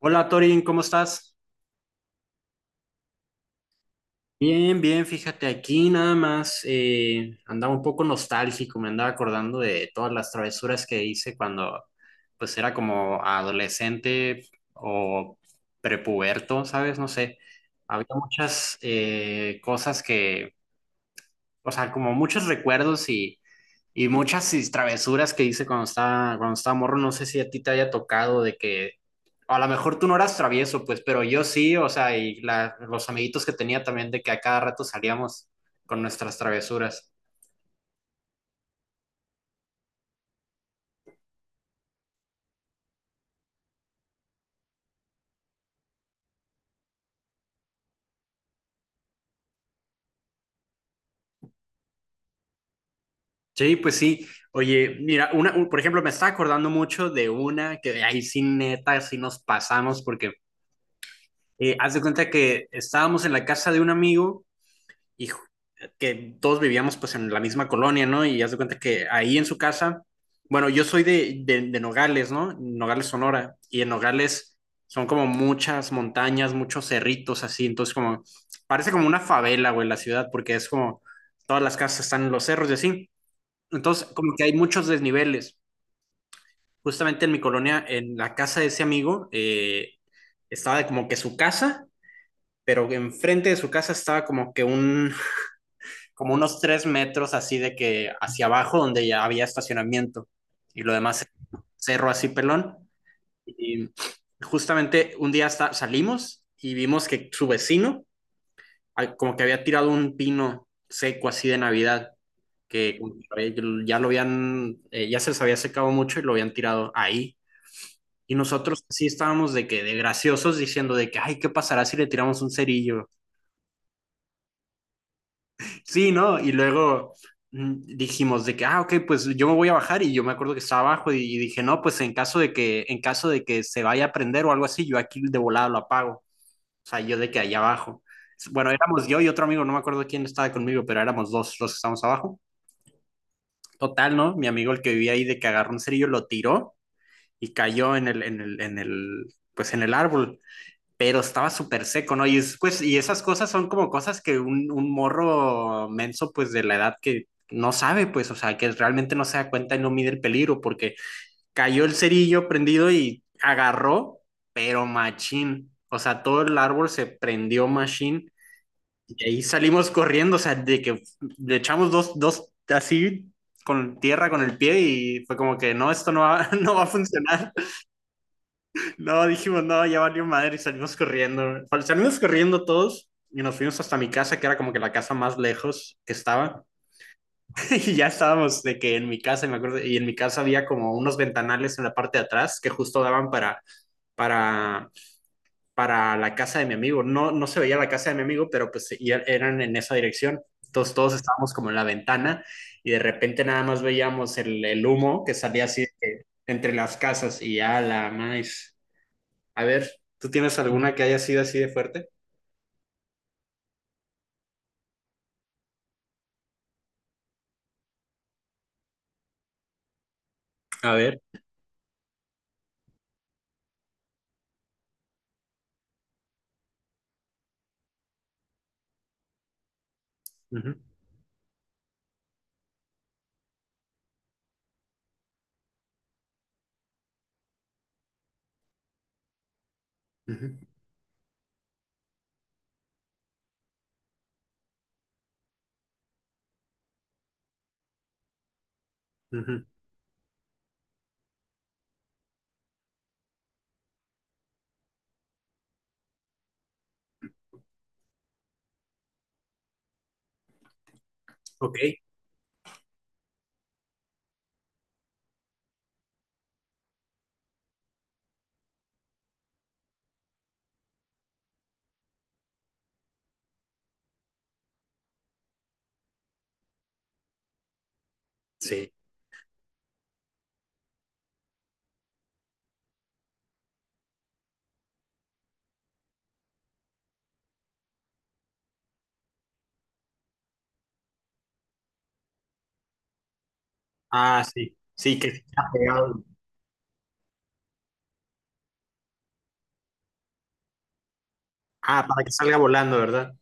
Hola Torin, ¿cómo estás? Bien, bien, fíjate, aquí nada más andaba un poco nostálgico, me andaba acordando de todas las travesuras que hice cuando pues era como adolescente o prepuberto, ¿sabes? No sé, había muchas cosas que, o sea, como muchos recuerdos y muchas travesuras que hice cuando cuando estaba morro, no sé si a ti te haya tocado de que, a lo mejor tú no eras travieso, pues, pero yo sí, o sea, y los amiguitos que tenía también de que a cada rato salíamos con nuestras travesuras. Sí, pues sí. Oye, mira, por ejemplo, me estaba acordando mucho de una que de ahí sí neta, sí nos pasamos, porque haz de cuenta que estábamos en la casa de un amigo y que todos vivíamos pues en la misma colonia, ¿no? Y haz de cuenta que ahí en su casa, bueno, yo soy de Nogales, ¿no? Nogales, Sonora, y en Nogales son como muchas montañas, muchos cerritos así, entonces como, parece como una favela, güey, la ciudad, porque es como, todas las casas están en los cerros y así, entonces como que hay muchos desniveles. Justamente en mi colonia, en la casa de ese amigo, estaba como que su casa, pero enfrente de su casa estaba como que un, como unos tres metros así de que hacia abajo donde ya había estacionamiento y lo demás cerro así pelón. Y justamente un día hasta salimos y vimos que su vecino ah, como que había tirado un pino seco así de Navidad que ya lo habían, ya se les había secado mucho y lo habían tirado ahí. Y nosotros sí estábamos de que de graciosos diciendo de que, ay, ¿qué pasará si le tiramos un cerillo? Sí, ¿no? Y luego dijimos de que, ah, ok, pues yo me voy a bajar y yo me acuerdo que estaba abajo y dije, no, pues en caso de que se vaya a prender o algo así, yo aquí de volada lo apago. O sea, yo de que allá abajo. Bueno, éramos yo y otro amigo, no me acuerdo quién estaba conmigo, pero éramos dos los que estábamos abajo. Total, ¿no? Mi amigo, el que vivía ahí, de que agarró un cerillo, lo tiró y cayó pues en el árbol pero estaba súper seco, ¿no? Y, es, pues, y esas cosas son como cosas que un morro menso, pues de la edad que no sabe, pues, o sea, que realmente no se da cuenta y no mide el peligro, porque cayó el cerillo prendido y agarró, pero machín, o sea, todo el árbol se prendió machín y ahí salimos corriendo, o sea, de que le echamos dos así con tierra con el pie y fue como que no, esto no va, no va a funcionar. No, dijimos, no, ya valió madre y salimos corriendo. Salimos corriendo todos y nos fuimos hasta mi casa, que era como que la casa más lejos que estaba. Y ya estábamos de que en mi casa, y me acuerdo, y en mi casa había como unos ventanales en la parte de atrás que justo daban para, para la casa de mi amigo. No, no se veía la casa de mi amigo, pero pues eran en esa dirección. Entonces todos estábamos como en la ventana y de repente nada más veíamos el humo que salía así de que entre las casas y ya la más. A ver, ¿tú tienes alguna que haya sido así de fuerte? A ver. Ujú, ujú, ujú. Ok. Sí. Ah, sí. Sí, que se ha pegado. Ah, para que salga volando, ¿verdad?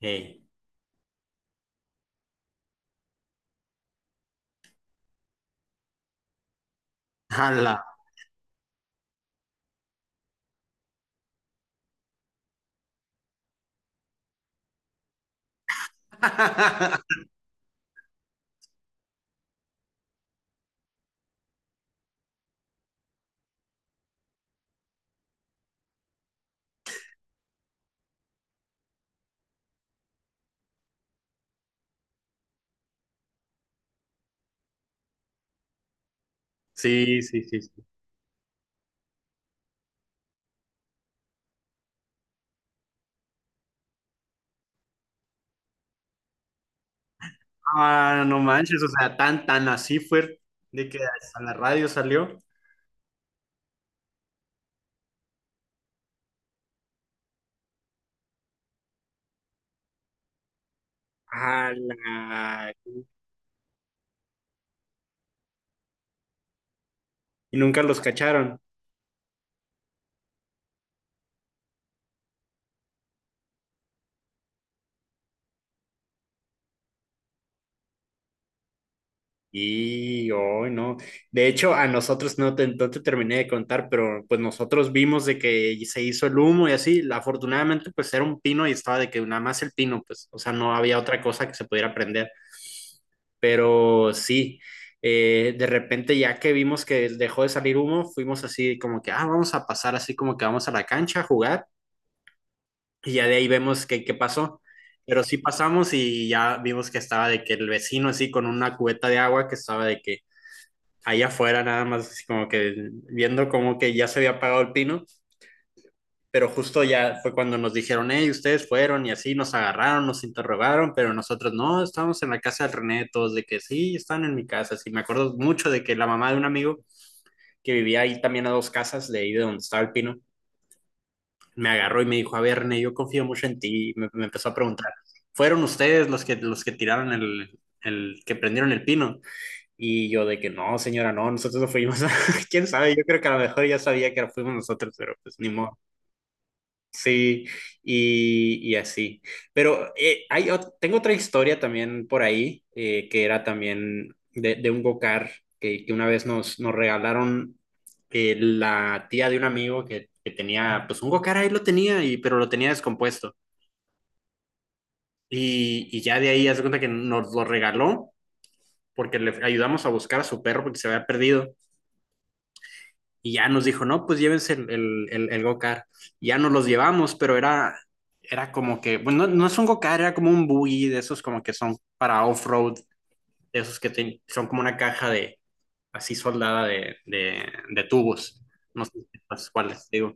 Hey. ¡Hala! Sí, sí, sí, sí. Ah, no manches, o sea, tan así fue de que a la radio salió. ¡Hala! Y nunca los cacharon. Y hoy no. De hecho, a nosotros no te terminé de contar, pero pues nosotros vimos de que se hizo el humo y así. Afortunadamente, pues era un pino y estaba de que nada más el pino, pues, o sea, no había otra cosa que se pudiera prender. Pero sí, de repente ya que vimos que dejó de salir humo, fuimos así como que, ah, vamos a pasar así como que vamos a la cancha a jugar y ya de ahí vemos qué pasó. Pero sí pasamos y ya vimos que estaba de que el vecino así con una cubeta de agua que estaba de que ahí afuera nada más, así como que viendo como que ya se había apagado el pino, pero justo ya fue cuando nos dijeron, hey, ustedes fueron y así nos agarraron, nos interrogaron, pero nosotros no, estábamos en la casa del René, todos de que sí, están en mi casa, sí, me acuerdo mucho de que la mamá de un amigo que vivía ahí también a dos casas de ahí de donde estaba el pino, me agarró y me dijo, a ver, René, yo confío mucho en ti, me empezó a preguntar, ¿fueron ustedes los que tiraron que prendieron el pino? Y yo de que no, señora, no, nosotros no fuimos. ¿Quién sabe? Yo creo que a lo mejor ya sabía que fuimos nosotros, pero pues ni modo. Sí, y así. Pero tengo otra historia también por ahí, que era también de un go-kart que una vez nos regalaron la tía de un amigo que tenía, pues un go-kart ahí lo tenía, y, pero lo tenía descompuesto. Y ya de ahí, haz de cuenta que nos lo regaló porque le ayudamos a buscar a su perro porque se había perdido. Y ya nos dijo, no, pues llévense el go-kart. Ya nos los llevamos, pero era como que, bueno, no, no es un go-kart, era como un buggy de esos como que son para off-road, de esos que son como una caja de, así soldada de tubos. No sé las cuáles, digo.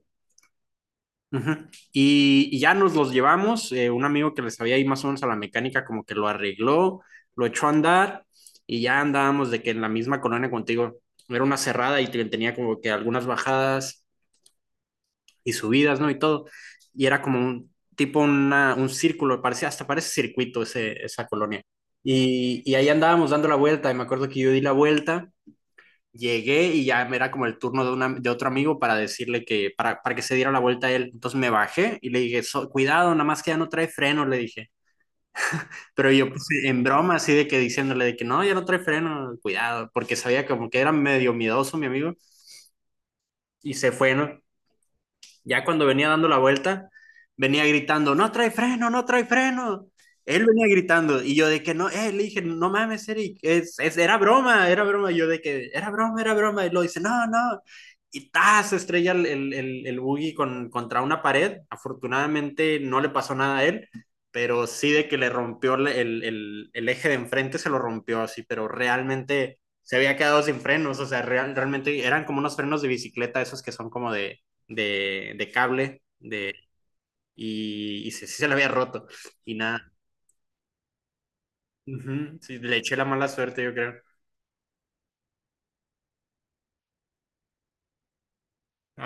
Ujú. Y ya nos los llevamos, un amigo que les había ido más o menos a la mecánica como que lo arregló, lo echó a andar y ya andábamos de que en la misma colonia contigo era una cerrada y tenía como que algunas bajadas y subidas, ¿no? Y todo. Y era como un tipo, un círculo, parecía, hasta parece circuito ese, esa colonia. Y ahí andábamos dando la vuelta y me acuerdo que yo di la vuelta, llegué y ya era como el turno de, de otro amigo para decirle que, para que se diera la vuelta a él. Entonces me bajé y le dije, cuidado, nada más que ya no trae freno", le dije. Pero yo pues, en broma así de que diciéndole de que no, ya no trae freno, cuidado, porque sabía como que era medio miedoso mi amigo y se fue, ¿no? Ya cuando venía dando la vuelta, venía gritando, no trae freno, no trae freno. Él venía gritando y yo de que no, le dije, no mames, Eric, era broma, era broma. Yo de que era broma, era broma. Y lo dice, no, no. Y ta, se estrella el buggy contra una pared. Afortunadamente no le pasó nada a él, pero sí de que le rompió eje de enfrente, se lo rompió así, pero realmente se había quedado sin frenos, o sea, realmente eran como unos frenos de bicicleta, esos que son como de cable y se, sí se le había roto y nada. Ujú. Sí, le eché la mala suerte, yo creo.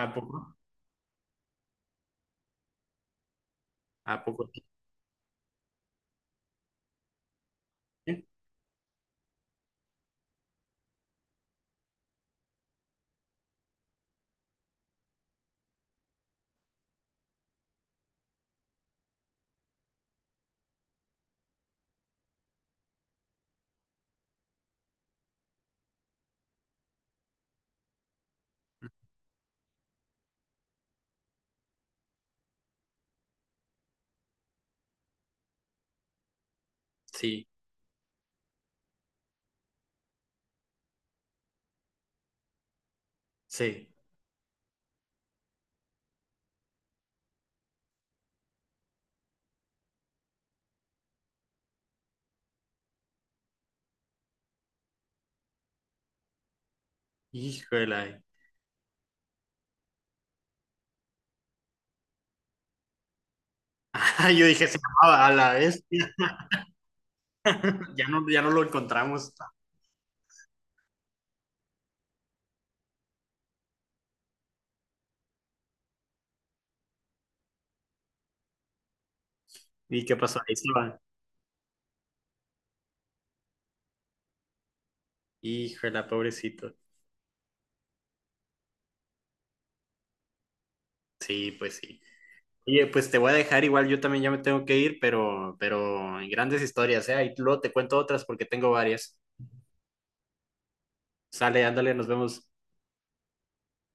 ¿A poco? ¿A poco? Sí, sí. Híjole. Yo dije, se llamaba a la vez. Ya no, ya no lo encontramos. ¿Y qué pasó? Ahí se va. Híjole, pobrecito. Sí, pues sí. Oye, pues te voy a dejar igual, yo también ya me tengo que ir, pero grandes historias, ¿eh? Ahí luego te cuento otras porque tengo varias. Sale, ándale, nos vemos.